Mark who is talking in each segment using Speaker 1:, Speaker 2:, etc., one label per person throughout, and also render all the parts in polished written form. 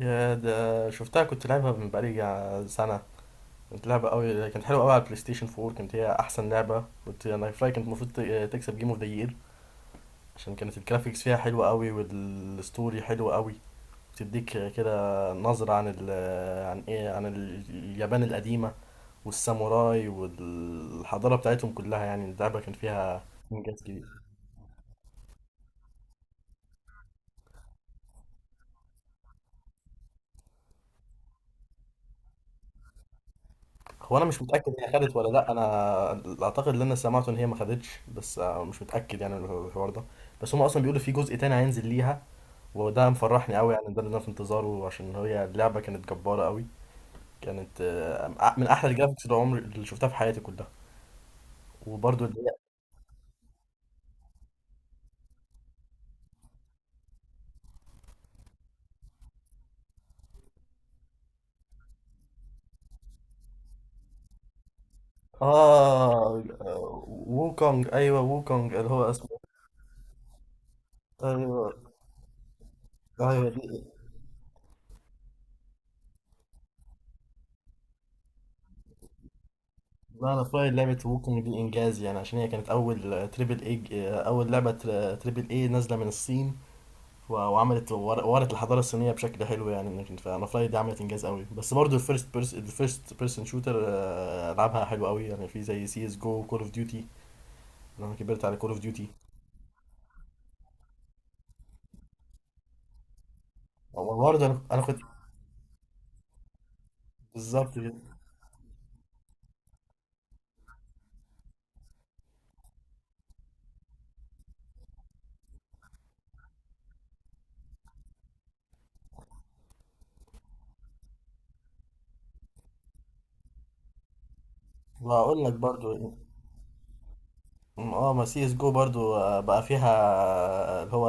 Speaker 1: يا ده شفتها، كنت لعبها من بقالي سنة. كنت لعبة قوي، كانت حلوة قوي على البلاي ستيشن 4. كانت هي أحسن لعبة كنت أنا في رأيي، كانت المفروض تكسب جيم اوف ذا يير، عشان كانت الجرافيكس فيها حلوة قوي والستوري حلوة قوي. بتديك كده نظرة عن ال عن ايه عن ال- اليابان القديمة والساموراي والحضارة بتاعتهم كلها. يعني اللعبة كان فيها إنجاز كبير. هو انا مش متاكد هي خدت ولا لا، انا اعتقد ان انا سمعت ان هي ما خدتش، بس مش متاكد يعني من الحوار ده. بس هم اصلا بيقولوا في جزء تاني هينزل ليها، وده مفرحني قوي يعني. ده اللي انا في انتظاره، عشان هي اللعبه كانت جباره قوي. كانت من احلى الجرافيكس اللي عمري شفتها في حياتي كلها. وبرضو اللي هي اه، ووكونج، ايوه ووكونج اللي هو اسمه. ايوه، ايوه دي. لا انا في رايي لعبه ووكونج دي انجاز، يعني عشان هي كانت اول تريبل اي، اول لعبه تريبل اي نازله من الصين. وعملت ورت الحضاره الصينيه بشكل حلو يعني. لكن فانا فلاي دي عملت انجاز قوي. بس برضو الفيرست بيرسون شوتر العابها حلوه قوي يعني. في زي سي اس جو، كول اوف ديوتي. انا كبرت على كول اوف ديوتي. برضه انا كنت بالظبط كده. وهقول لك برضو، اه ما سي اس جو برضو بقى فيها آه، اللي هو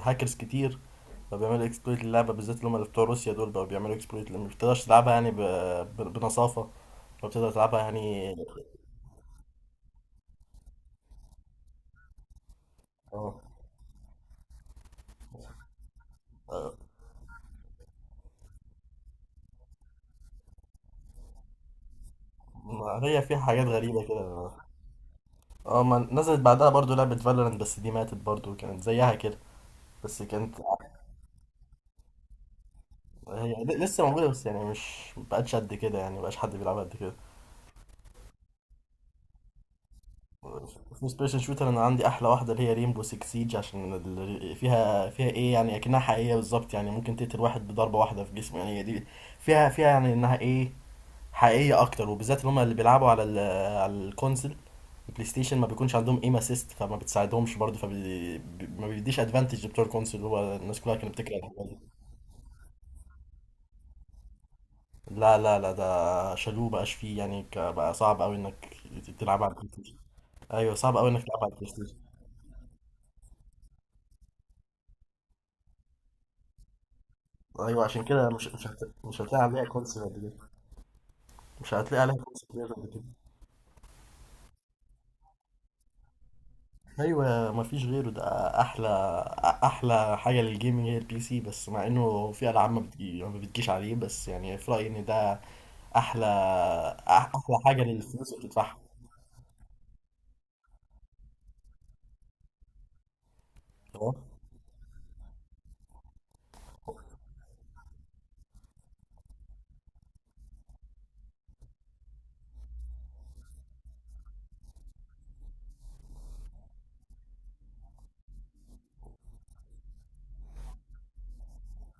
Speaker 1: هاكرز كتير. فبيعملوا اكسبلويت للعبه بالذات. اللي هم اللي بتوع روسيا دول بقى بيعملوا اكسبلويت، ما بتقدرش تلعبها يعني بنصافه. فبتقدر تلعبها يعني. اه ما هي فيها حاجات غريبة كده. اه، ما نزلت بعدها برضو لعبة فالورانت، بس دي ماتت برضو، كانت زيها كده. بس كانت هي لسه موجودة، بس يعني مش مبقتش قد كده، يعني مبقاش حد بيلعبها قد كده. في سبيشال شوتر انا عندي احلى واحدة، اللي هي ريمبو 6 سيج، عشان فيها فيها ايه يعني، اكنها حقيقية بالظبط يعني. ممكن تقتل واحد بضربة واحدة في جسمه يعني. هي دي فيها فيها يعني انها ايه، حقيقية اكتر. وبالذات اللي هم اللي بيلعبوا على ال على الكونسل، البلاي ستيشن ما بيكونش عندهم ايم اسيست، فما بتساعدهمش برضه. ما بيديش ادفانتج لبتوع الكونسول. اللي هو الناس كلها كانت بتكره الحاجات دي. لا لا لا، ده شالوه بقاش فيه يعني، بقى صعب قوي انك تلعب على البلاي ستيشن. ايوه صعب قوي انك تلعب على البلاي ستيشن. ايوه عشان كده مش هتلاقي عليها كونسول قد كده. مش هتلاقي عليها كونسول كبير قد كده. ايوه مفيش غيره ده. احلى، احلى حاجه للجيمنج هي البي سي. بس مع انه في العاب ما بتجيش عليه، بس يعني في رايي ان ده احلى. احلى حاجه للفلوس اللي بتدفعها. تمام.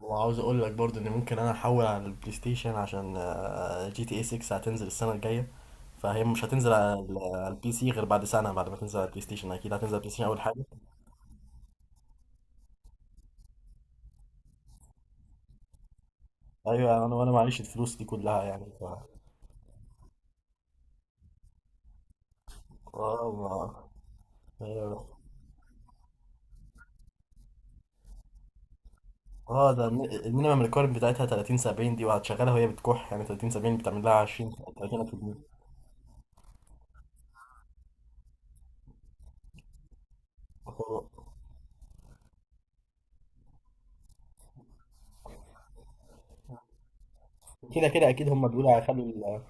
Speaker 1: وعاوز اقول لك برضو ان ممكن انا احول على البلاي ستيشن، عشان جي تي اي 6 هتنزل السنه الجايه. فهي مش هتنزل على على البي سي غير بعد سنه، بعد ما تنزل على البلاي ستيشن. اكيد هتنزل على البلاي ستيشن اول حاجه. ايوه انا، وانا معيش الفلوس دي كلها يعني ف اه ما- أيوة. اه ده المينيمم ريكويرمنت بتاعتها 30 70 دي، وهتشغلها وهي بتكح يعني. 30 70 بتعمل لها 20 30. كده كده اكيد هم بيقولوا هيخلوا،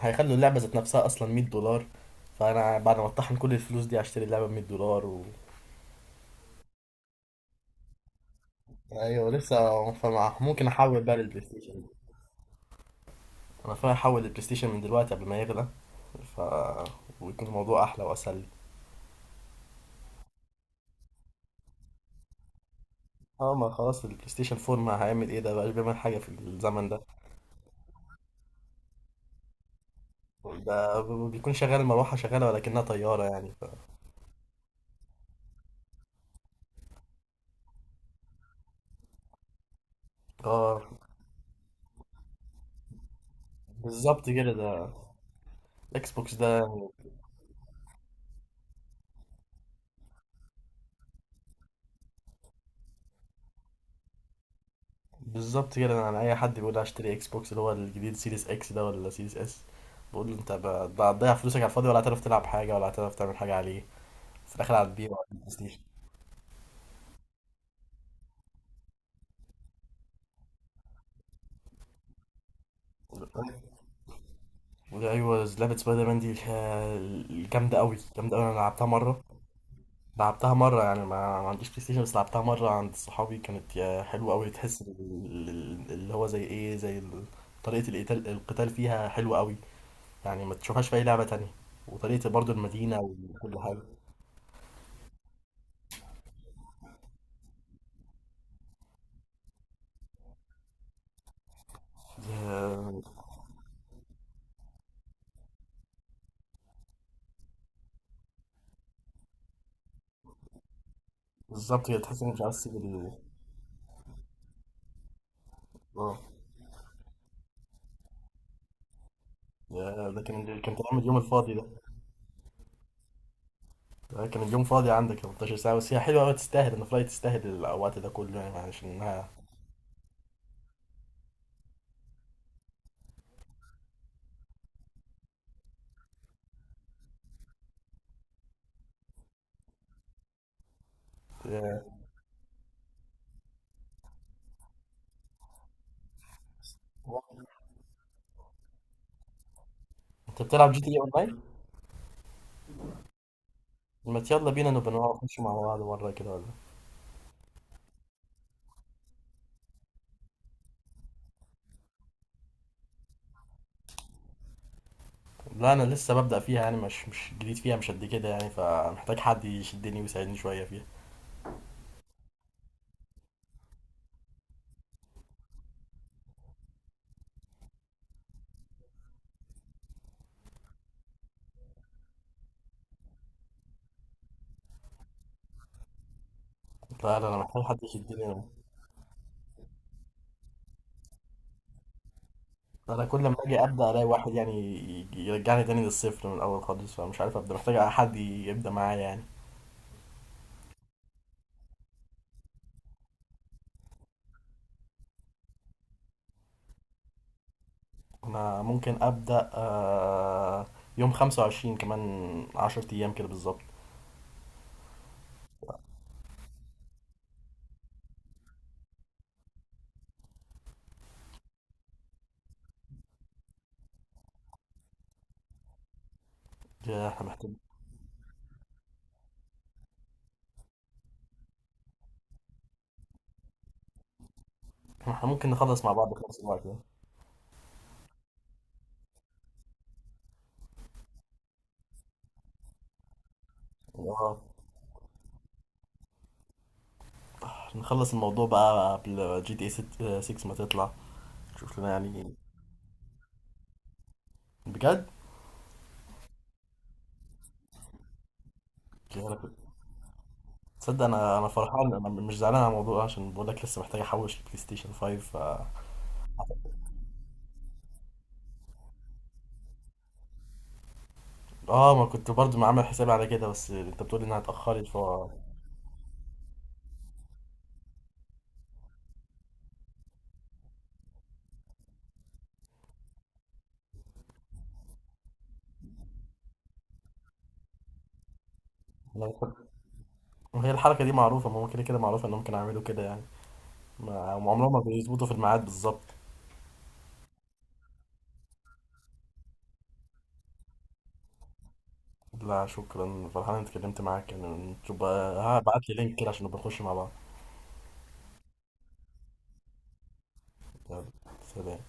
Speaker 1: هيخلوا اللعبة ذات نفسها أصلا 100$. فأنا بعد ما أطحن كل الفلوس دي هشتري اللعبة ب 100$ و... أيوة لسه فمع ممكن أحول بقى للبلاي ستيشن. أنا فاهم أحول للبلاي ستيشن من دلوقتي قبل ما يغلى، ف ويكون الموضوع أحلى وأسهل لي. اه ما خلاص البلاي ستيشن 4 ما هيعمل ايه، ده بقاش بيعمل حاجة في الزمن ده. ده بيكون شغال، المروحة شغالة ولكنها طيارة يعني ف... اه بالظبط كده. ده الاكس بوكس ده. بالظبط كده. انا على اي حد بيقول لي هشتري اكس بوكس اللي هو الجديد، سيريس اكس ده ولا سيريس اس، بقول له ده هتضيع فلوسك على الفاضي، ولا هتعرف تلعب حاجه، ولا هتعرف تعمل حاجه عليه. في الاخر هتبيع، ولا هتبيع بلاي ستيشن. وده ايوه لعبه سبايدر مان دي جامده قوي، جامده قوي، انا لعبتها مره. لعبتها مره يعني، ما عنديش بلاي ستيشن، بس لعبتها مره عند صحابي. كانت يا حلوه قوي، تحس ال- ال- اللي هو زي ايه زي ال- طريقه القتال فيها حلوه قوي يعني. ما تشوفهاش في اي لعبه تانية. وطريقه برضو المدينه وكل حاجه آه، بالظبط كده. تحس انك مش عايز تسيب اه يا، ده كان كان اليوم الفاضي ده. ده كان اليوم فاضي عندك 18 ساعة. بس هي حلوة أوي، تستاهل إن فلاي تستاهل الوقت ده كله يعني، عشان إنها يا. أنت بتلعب جي تي إيه أونلاين؟ ما يلا بينا نبقى نقعد نخش مع بعض مرة كده ولا. لا أنا لسه ببدأ فيها يعني، مش مش جديد فيها مش قد كده يعني، فمحتاج حد يشدني ويساعدني شوية فيها. لا لا أنا محتاج حد يشدني أنا. أنا كل ما أجي أبدأ ألاقي واحد يعني يرجعني تاني للصفر من الأول خالص، فمش عارف أبدأ، محتاج حد يبدأ معايا يعني. انا ممكن ابدا يوم 25 كمان 10 ايام كده بالظبط. يا احنا محتاجين، احنا ممكن نخلص مع بعض في نفس الوقت ده. اه نخلص الموضوع بقى قبل جي تي اي 6 ما تطلع. شوف لنا يعني. بجد؟ يا أنا كنت- تصدق انا، انا فرحان، انا مش زعلان على الموضوع ده، عشان بقول لك لسه محتاج احوش البلاي ستيشن 5 ف... اه ما كنت برضو ما عامل حسابي على كده، بس انت بتقول انها اتاخرت ف انا بفكر- هي الحركه دي معروفه. ما هو كده كده معروفه انهم كانوا يعملوا كده يعني. ما عمرهم ما بيظبطوا في الميعاد بالظبط. لا شكرا، فرحان اني اتكلمت معاك يعني. نشوف بقى، هبعت لي لينك كده عشان نبقى نخش مع بعض. يلا، سلام.